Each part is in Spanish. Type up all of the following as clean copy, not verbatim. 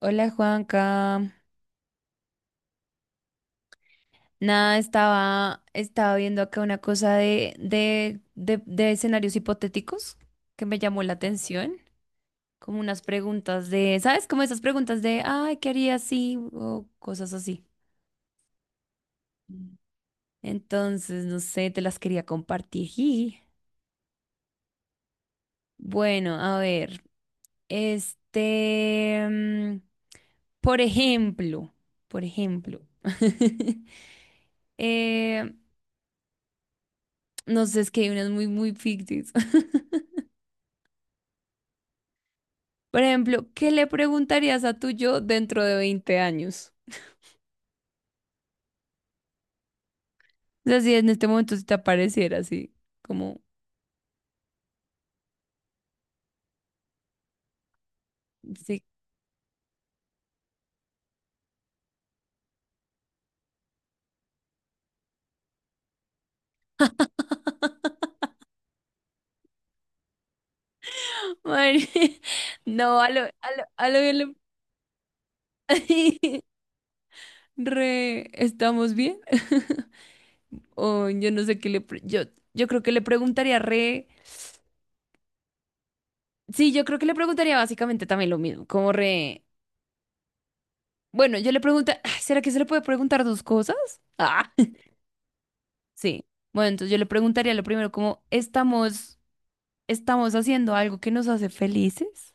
Hola, Juanca. Nada, estaba viendo acá una cosa de escenarios hipotéticos que me llamó la atención. Como unas preguntas de, ¿sabes? Como esas preguntas de, ay, ¿qué haría si? O cosas así. Mm. Entonces, no sé, te las quería compartir. Y bueno, a ver, este, mm, por ejemplo, por ejemplo, eh, no sé, es que hay unas muy, muy ficticias. Por ejemplo, ¿qué le preguntarías a tu yo dentro de 20 años? O sea, si en este momento se te apareciera así, como, sí, madre, no, a lo, a lo, a lo bien le- re, ¿estamos bien? O yo no sé qué le, pre- yo creo que le preguntaría re, sí, yo creo que le preguntaría básicamente también lo mismo, como re, bueno, yo le pregunta, ¿será que se le puede preguntar dos cosas? Ah, sí. Bueno, entonces yo le preguntaría lo primero, como, ¿estamos? ¿Estamos haciendo algo que nos hace felices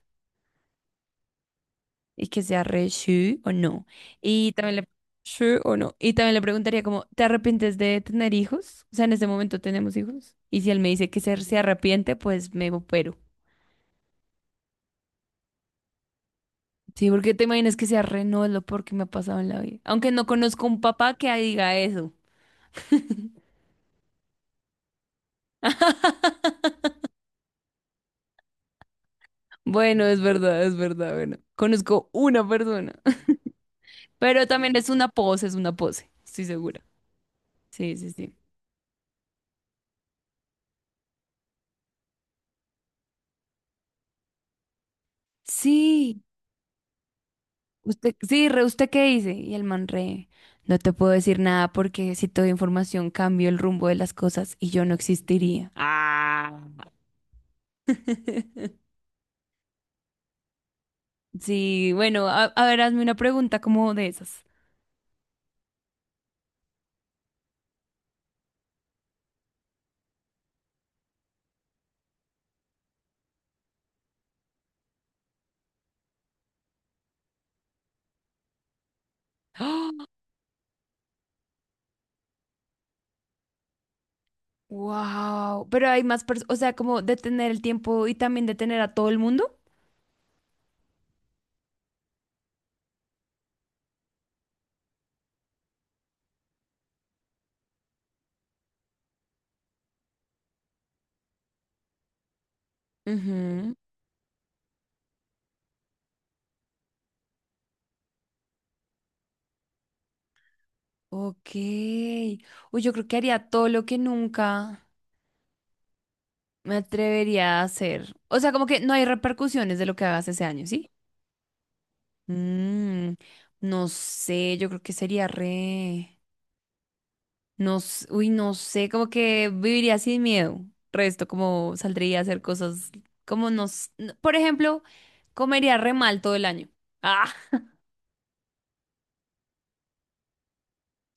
y que sea re sí o no? Y también le, sí o no. Y también le preguntaría como, ¿te arrepientes de tener hijos? O sea, en este momento tenemos hijos. Y si él me dice que se arrepiente, pues me opero. Sí, porque te imaginas que sea re no es lo peor que me ha pasado en la vida. Aunque no conozco un papá que diga eso. Bueno, es verdad, bueno. Conozco una persona. Pero también es una pose, estoy segura. Sí, sí, sí. Sí, usted, sí, re, ¿usted qué dice? Y el man re, no te puedo decir nada porque si te doy información cambio el rumbo de las cosas y yo no existiría. Ah. Sí, bueno, a ver, hazme una pregunta como de esas. Wow, pero hay más personas, o sea, como detener el tiempo y también detener a todo el mundo. Ujú. Ok. Uy, yo creo que haría todo lo que nunca me atrevería a hacer. O sea, como que no hay repercusiones de lo que hagas ese año, ¿sí? Mm, no sé, yo creo que sería re... No, s- uy, no sé, como que viviría sin miedo. Resto, como saldría a hacer cosas como nos... Por ejemplo, comería re mal todo el año. Ah,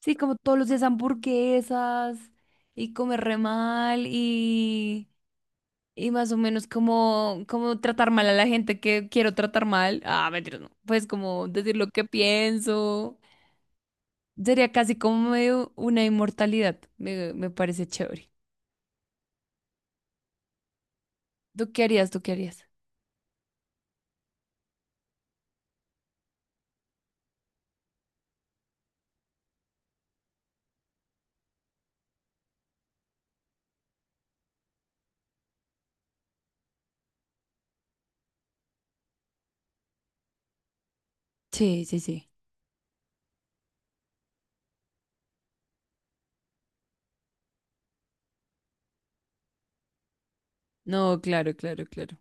sí, como todos los días hamburguesas y comer re mal y... Y más o menos como, como tratar mal a la gente que quiero tratar mal. Ah, mentira, no. Pues como decir lo que pienso. Sería casi como medio una inmortalidad. Me parece chévere. ¿Tú qué harías? ¿Tú qué harías? Sí, sí, sí. No, claro, claro, claro.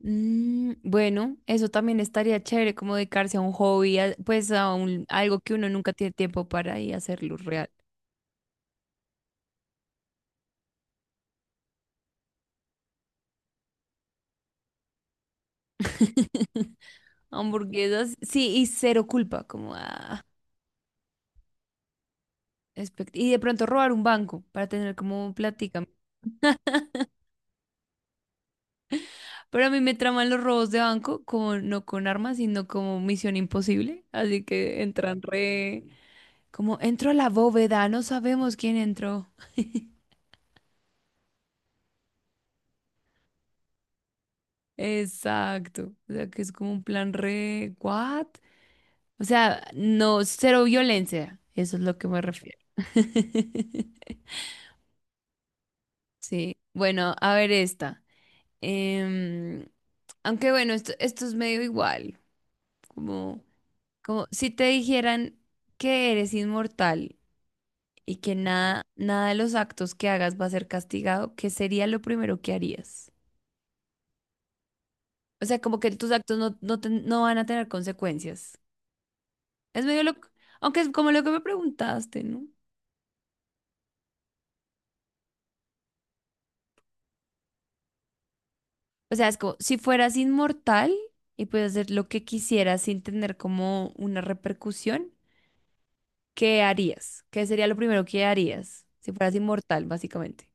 Mm, bueno, eso también estaría chévere, como dedicarse a un hobby, a- pues a un, algo que uno nunca tiene tiempo para y hacerlo real. Hamburguesas, sí, y cero culpa, como ah, espect- y de pronto robar un banco para tener como plática. Pero a mí me traman los robos de banco, como, no con armas, sino como misión imposible. Así que entran re... Como entró a la bóveda, no sabemos quién entró. Exacto. O sea, que es como un plan re... ¿What? O sea, no, cero violencia. Eso es lo que me refiero. Sí. Bueno, a ver esta. Em, aunque bueno, esto es medio igual. Como, como si te dijeran que eres inmortal, y que nada, nada de los actos que hagas va a ser castigado, ¿qué sería lo primero que harías? O sea, como que tus actos no, no, ten- no van a tener consecuencias. Es medio lo, aunque es como lo que me preguntaste, ¿no? O sea, es como si fueras inmortal y puedes hacer lo que quisieras sin tener como una repercusión, ¿qué harías? ¿Qué sería lo primero que harías si fueras inmortal, básicamente?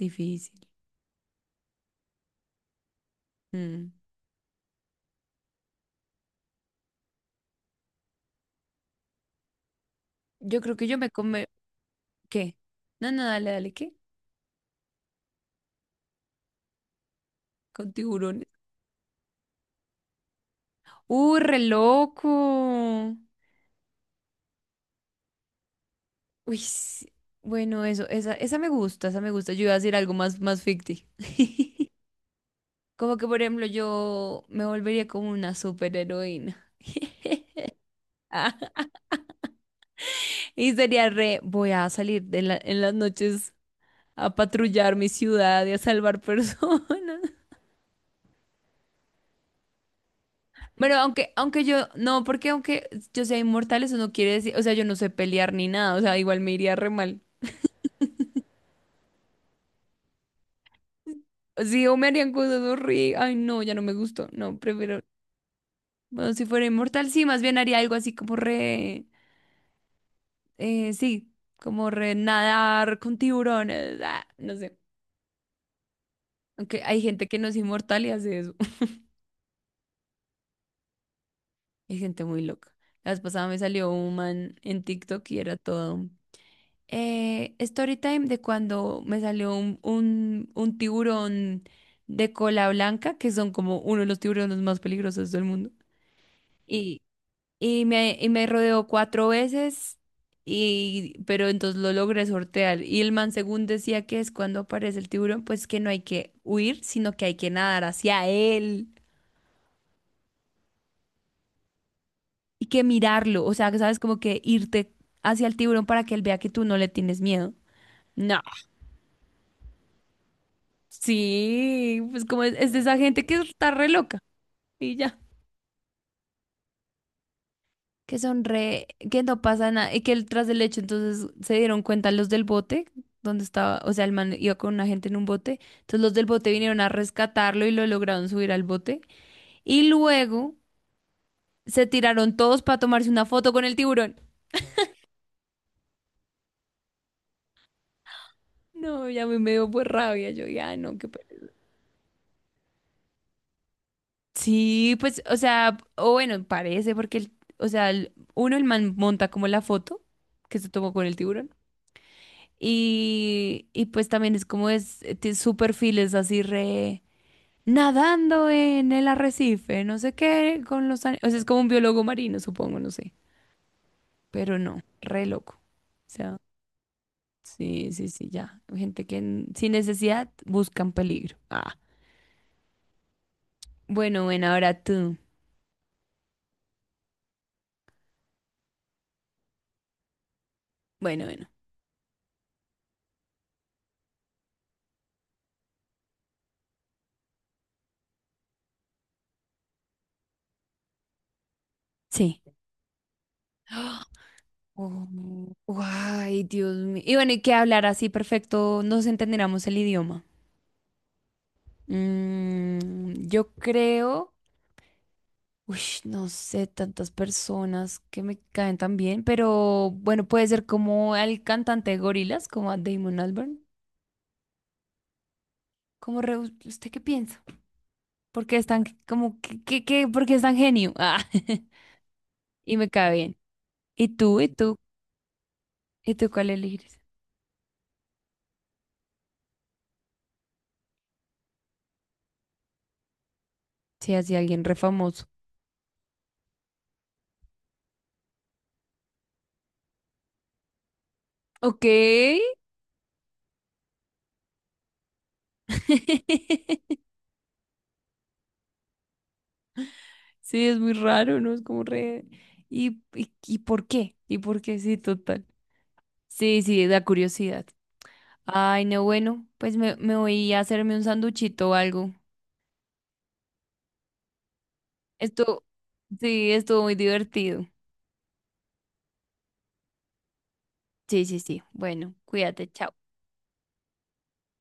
Difícil. Mm. Yo creo que yo me come... ¿Qué? No, no, dale, dale, ¿qué? Con tiburones. Re loco. Uy, sí. Bueno, eso, esa me gusta, esa me gusta. Yo iba a decir algo más, más ficti. Como que, por ejemplo, yo me volvería como una superheroína. Ah, y sería re, voy a salir de la- en las noches a patrullar mi ciudad y a salvar personas. Bueno, aunque, aunque yo, no, porque aunque yo sea inmortal, eso no quiere decir, o sea, yo no sé pelear ni nada, o sea, igual me iría re mal. Sí, o me harían cosas horribles. Ay, no, ya no me gustó. No, prefiero. Bueno, si fuera inmortal, sí, más bien haría algo así como re, sí, como re nadar con tiburones, ah, no sé. Aunque hay gente que no es inmortal y hace eso. Hay gente muy loca. La vez pasada me salió un man en TikTok y era todo. Story time de cuando me salió un tiburón de cola blanca, que son como uno de los tiburones más peligrosos del mundo. Y me rodeó 4 veces, y, pero entonces lo logré sortear. Y el man, según decía que es cuando aparece el tiburón, pues que no hay que huir, sino que hay que nadar hacia él y que mirarlo. O sea, que sabes, como que irte hacia el tiburón para que él vea que tú no le tienes miedo. No, sí, pues como es de esa gente que está re loca y ya. Que son re, que no pasa nada, y que el- tras el hecho entonces se dieron cuenta los del bote, donde estaba, o sea, el man iba con una gente en un bote, entonces los del bote vinieron a rescatarlo y lo lograron subir al bote, y luego se tiraron todos para tomarse una foto con el tiburón. No, ya me dio pues rabia, yo ya no, qué pena. Sí, pues, o sea, o bueno, parece, porque, el- o sea, el- uno, el man monta como la foto que se tomó con el tiburón. Y pues también es como es, tiene su perfil es así re, nadando en el arrecife, no sé qué, con los ani- O sea, es como un biólogo marino, supongo, no sé. Pero no, re loco. O sea, sí, sí, sí, ya. Gente que n- sin necesidad buscan peligro. Ah. Bueno, bueno, ahora tú. Bueno, bueno. Sí. ¡Ah! Oh, ay, Dios mío. Y bueno, y que hablar así perfecto, nos entendiéramos el idioma. Mm, yo creo. Uy, no sé, tantas personas que me caen tan bien, pero bueno, puede ser como el cantante de Gorilas, como a Damon Albarn. ¿Cómo re- usted qué piensa? ¿Por qué es tan como que, que- por qué es tan genio? Ah, y me cae bien. ¿Y tú? ¿Y tú? ¿Y tú cuál elegirías? Sí, así alguien re famoso. Ok. Sí, es muy raro, ¿no? Es como re. ¿Y, y por qué? ¿Y por qué? Sí, total. Sí, sí, da curiosidad. Ay, no, bueno, pues me voy a hacerme un sanduchito o algo. Esto, sí, estuvo muy divertido. Sí, sí, sí. Bueno, cuídate, chao.